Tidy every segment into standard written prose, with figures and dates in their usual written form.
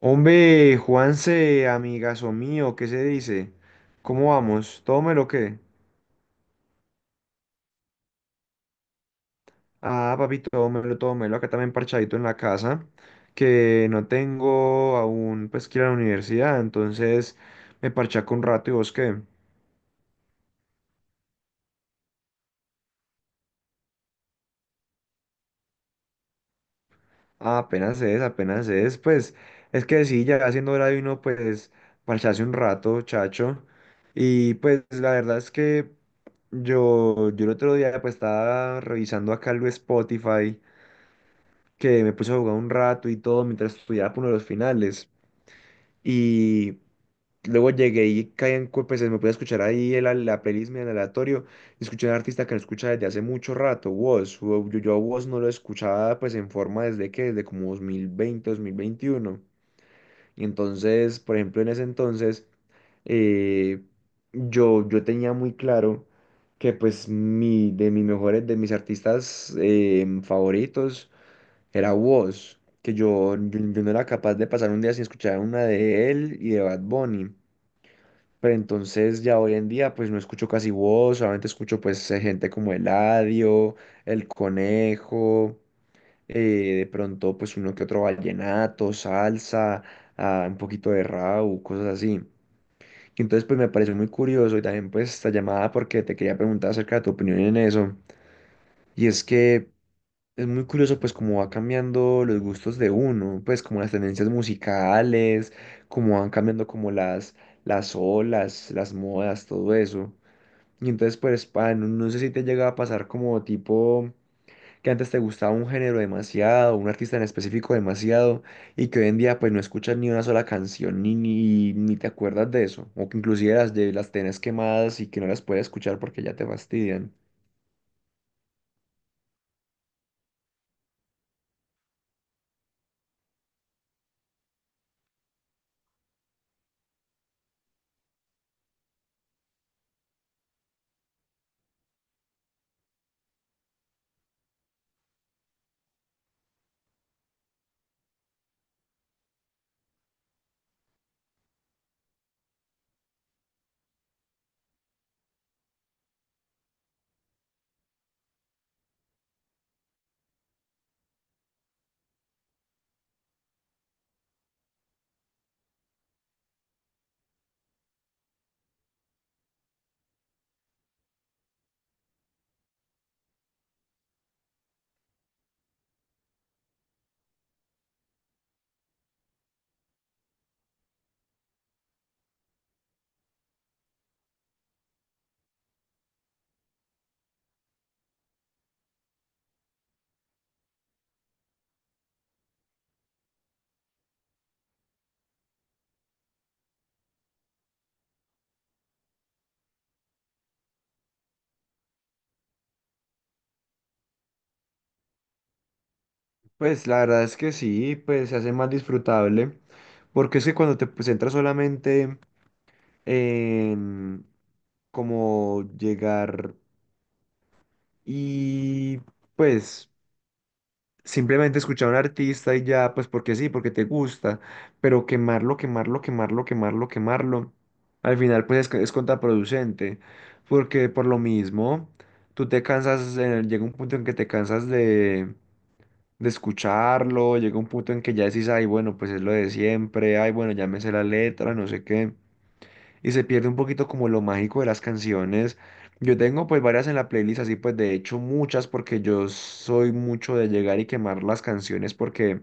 Hombre, Juanse, amigazo mío, ¿qué se dice? ¿Cómo vamos? ¿Tómelo o qué? Ah, papi, tómelo, tómelo. Acá también parchadito en la casa, que no tengo aún, pues, que ir a la universidad, entonces me parchaco un rato, ¿y vos qué? Ah, apenas es, pues, es que sí, ya haciendo hora de uno, pues, parcharse un rato, chacho. Y pues, la verdad es que yo el otro día, pues, estaba revisando acá el Spotify, que me puse a jugar un rato y todo mientras estudiaba por uno de los finales. Y luego llegué y caí en pues me pude escuchar ahí la playlist en aleatorio. Y escuché a un artista que no escucha desde hace mucho rato, Wos. Yo a Wos no lo escuchaba pues en forma desde que, desde como dos mil veinte 2021. Y entonces, por ejemplo, en ese entonces, eh, yo tenía muy claro que pues mi, de mis mejores, de mis artistas favoritos era Woz, que yo no era capaz de pasar un día sin escuchar una de él y de Bad Bunny. Pero entonces ya hoy en día pues no escucho casi Woz, solamente escucho pues gente como Eladio, El Conejo, eh, de pronto pues uno que otro vallenato, salsa, ah, un poquito de rap, cosas así. Y entonces pues me pareció muy curioso y también pues esta llamada porque te quería preguntar acerca de tu opinión en eso. Y es que es muy curioso pues cómo va cambiando los gustos de uno, pues como las tendencias musicales, cómo van cambiando como las olas, las modas, todo eso. Y entonces pues no, no sé si te llega a pasar como tipo que antes te gustaba un género demasiado, un artista en específico demasiado, y que hoy en día pues no escuchas ni una sola canción ni te acuerdas de eso, o que inclusive las tenés quemadas y que no las puedes escuchar porque ya te fastidian. Pues la verdad es que sí, pues se hace más disfrutable, porque es que cuando te pues, centras solamente en como llegar y pues simplemente escuchar a un artista y ya, pues porque sí, porque te gusta, pero quemarlo, quemarlo, quemarlo, quemarlo, quemarlo, al final pues es contraproducente, porque por lo mismo, tú te cansas, llega un punto en que te cansas de escucharlo, llega un punto en que ya decís, ay, bueno, pues es lo de siempre, ay, bueno, ya me sé la letra, no sé qué, y se pierde un poquito como lo mágico de las canciones. Yo tengo pues varias en la playlist, así pues de hecho muchas, porque yo soy mucho de llegar y quemar las canciones, porque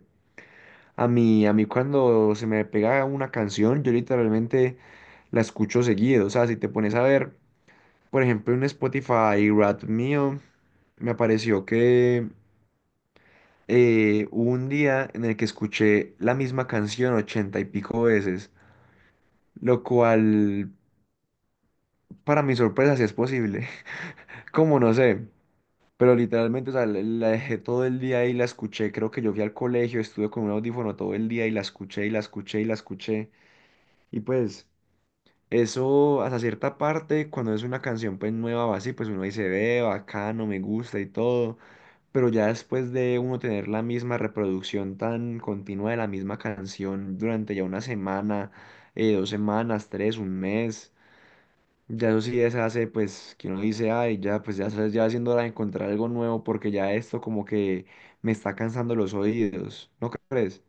a mí cuando se me pega una canción, yo literalmente la escucho seguido, o sea, si te pones a ver, por ejemplo, en Spotify, Rap mío, me apareció que hubo un día en el que escuché la misma canción 80 y pico veces, lo cual para mi sorpresa sí es posible, como no sé, pero literalmente, o sea, la dejé todo el día ahí la escuché, creo que yo fui al colegio, estuve con un audífono todo el día y la escuché y la escuché y la escuché, y pues eso hasta cierta parte, cuando es una canción pues nueva o así, pues uno dice, ve, bacano, me gusta y todo. Pero ya después de uno tener la misma reproducción tan continua de la misma canción durante ya una semana, 2 semanas, tres, un mes, ya eso sí se hace, pues, que uno dice, ay, ya, pues ya, ya haciendo hora de encontrar algo nuevo porque ya esto como que me está cansando los oídos, ¿no crees?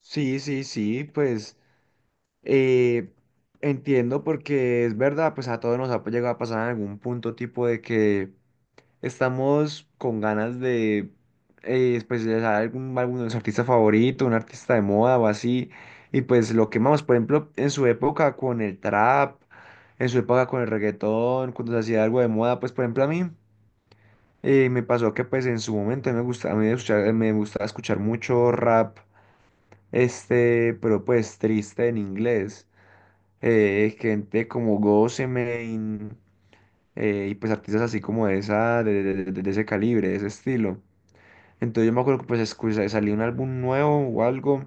Sí, sí, sí, pues eh, entiendo porque es verdad, pues a todos nos ha llegado a pasar en algún punto tipo de que estamos con ganas de pues, de algún álbum de nuestro artista favorito, un artista de moda o así. Y pues lo quemamos, por ejemplo, en su época con el trap, en su época con el reggaetón, cuando se hacía algo de moda, pues por ejemplo a mí me pasó que pues en su momento me gusta, a mí me gustaba escuchar mucho rap, este, pero pues triste en inglés. Gente como Ghost y pues artistas así como de esa, de ese calibre, de ese estilo. Entonces yo me acuerdo que pues escuché, salía un álbum nuevo o algo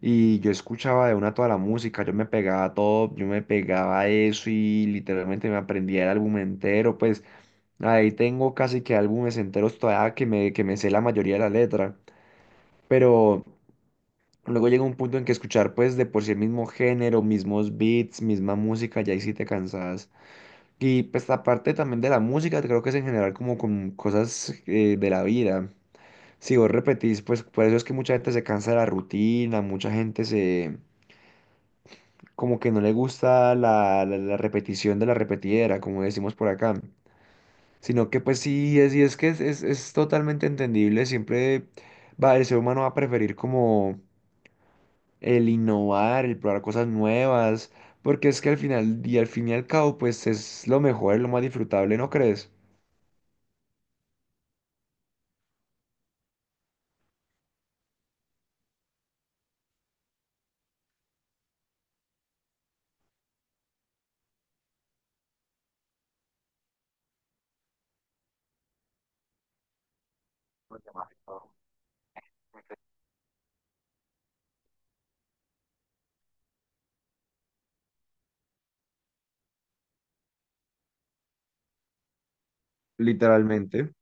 y yo escuchaba de una toda la música, yo me pegaba todo, yo me pegaba eso y literalmente me aprendía el álbum entero, pues ahí tengo casi que álbumes enteros todavía que me sé la mayoría de la letra, pero luego llega un punto en que escuchar pues de por sí el mismo género, mismos beats, misma música, ya ahí sí te cansas. Y pues aparte también de la música, creo que es en general como con cosas de la vida. Si vos repetís, pues por eso es que mucha gente se cansa de la rutina, mucha gente se como que no le gusta la repetición de la repetidera, como decimos por acá. Sino que pues sí, es, y es que es, es totalmente entendible, siempre va, el ser humano va a preferir como el innovar, el probar cosas nuevas, porque es que al final, y al fin y al cabo, pues es lo mejor, es lo más disfrutable, ¿no crees? Literalmente.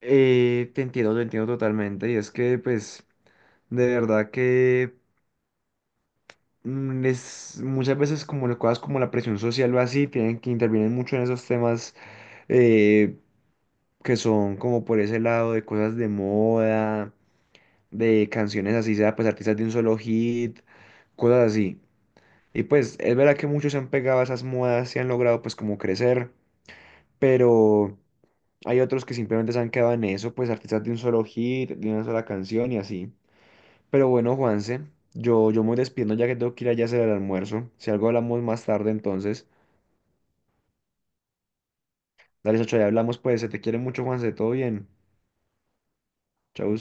Te entiendo, te entiendo totalmente. Y es que, pues, de verdad que es, muchas veces como las cosas como la presión social o así tienen que intervienen mucho en esos temas eh, que son como por ese lado de cosas de moda, de canciones así sea, pues artistas de un solo hit, cosas así. Y pues es verdad que muchos se han pegado a esas modas y han logrado pues como crecer, pero hay otros que simplemente se han quedado en eso, pues artistas de un solo hit, de una sola canción y así. Pero bueno, Juanse, yo me voy despidiendo ya que tengo que ir allá a hacer el almuerzo. Si algo hablamos más tarde, entonces. Dale, Sacho, ya hablamos, pues. Se te quiere mucho, Juanse. Todo bien. Chau.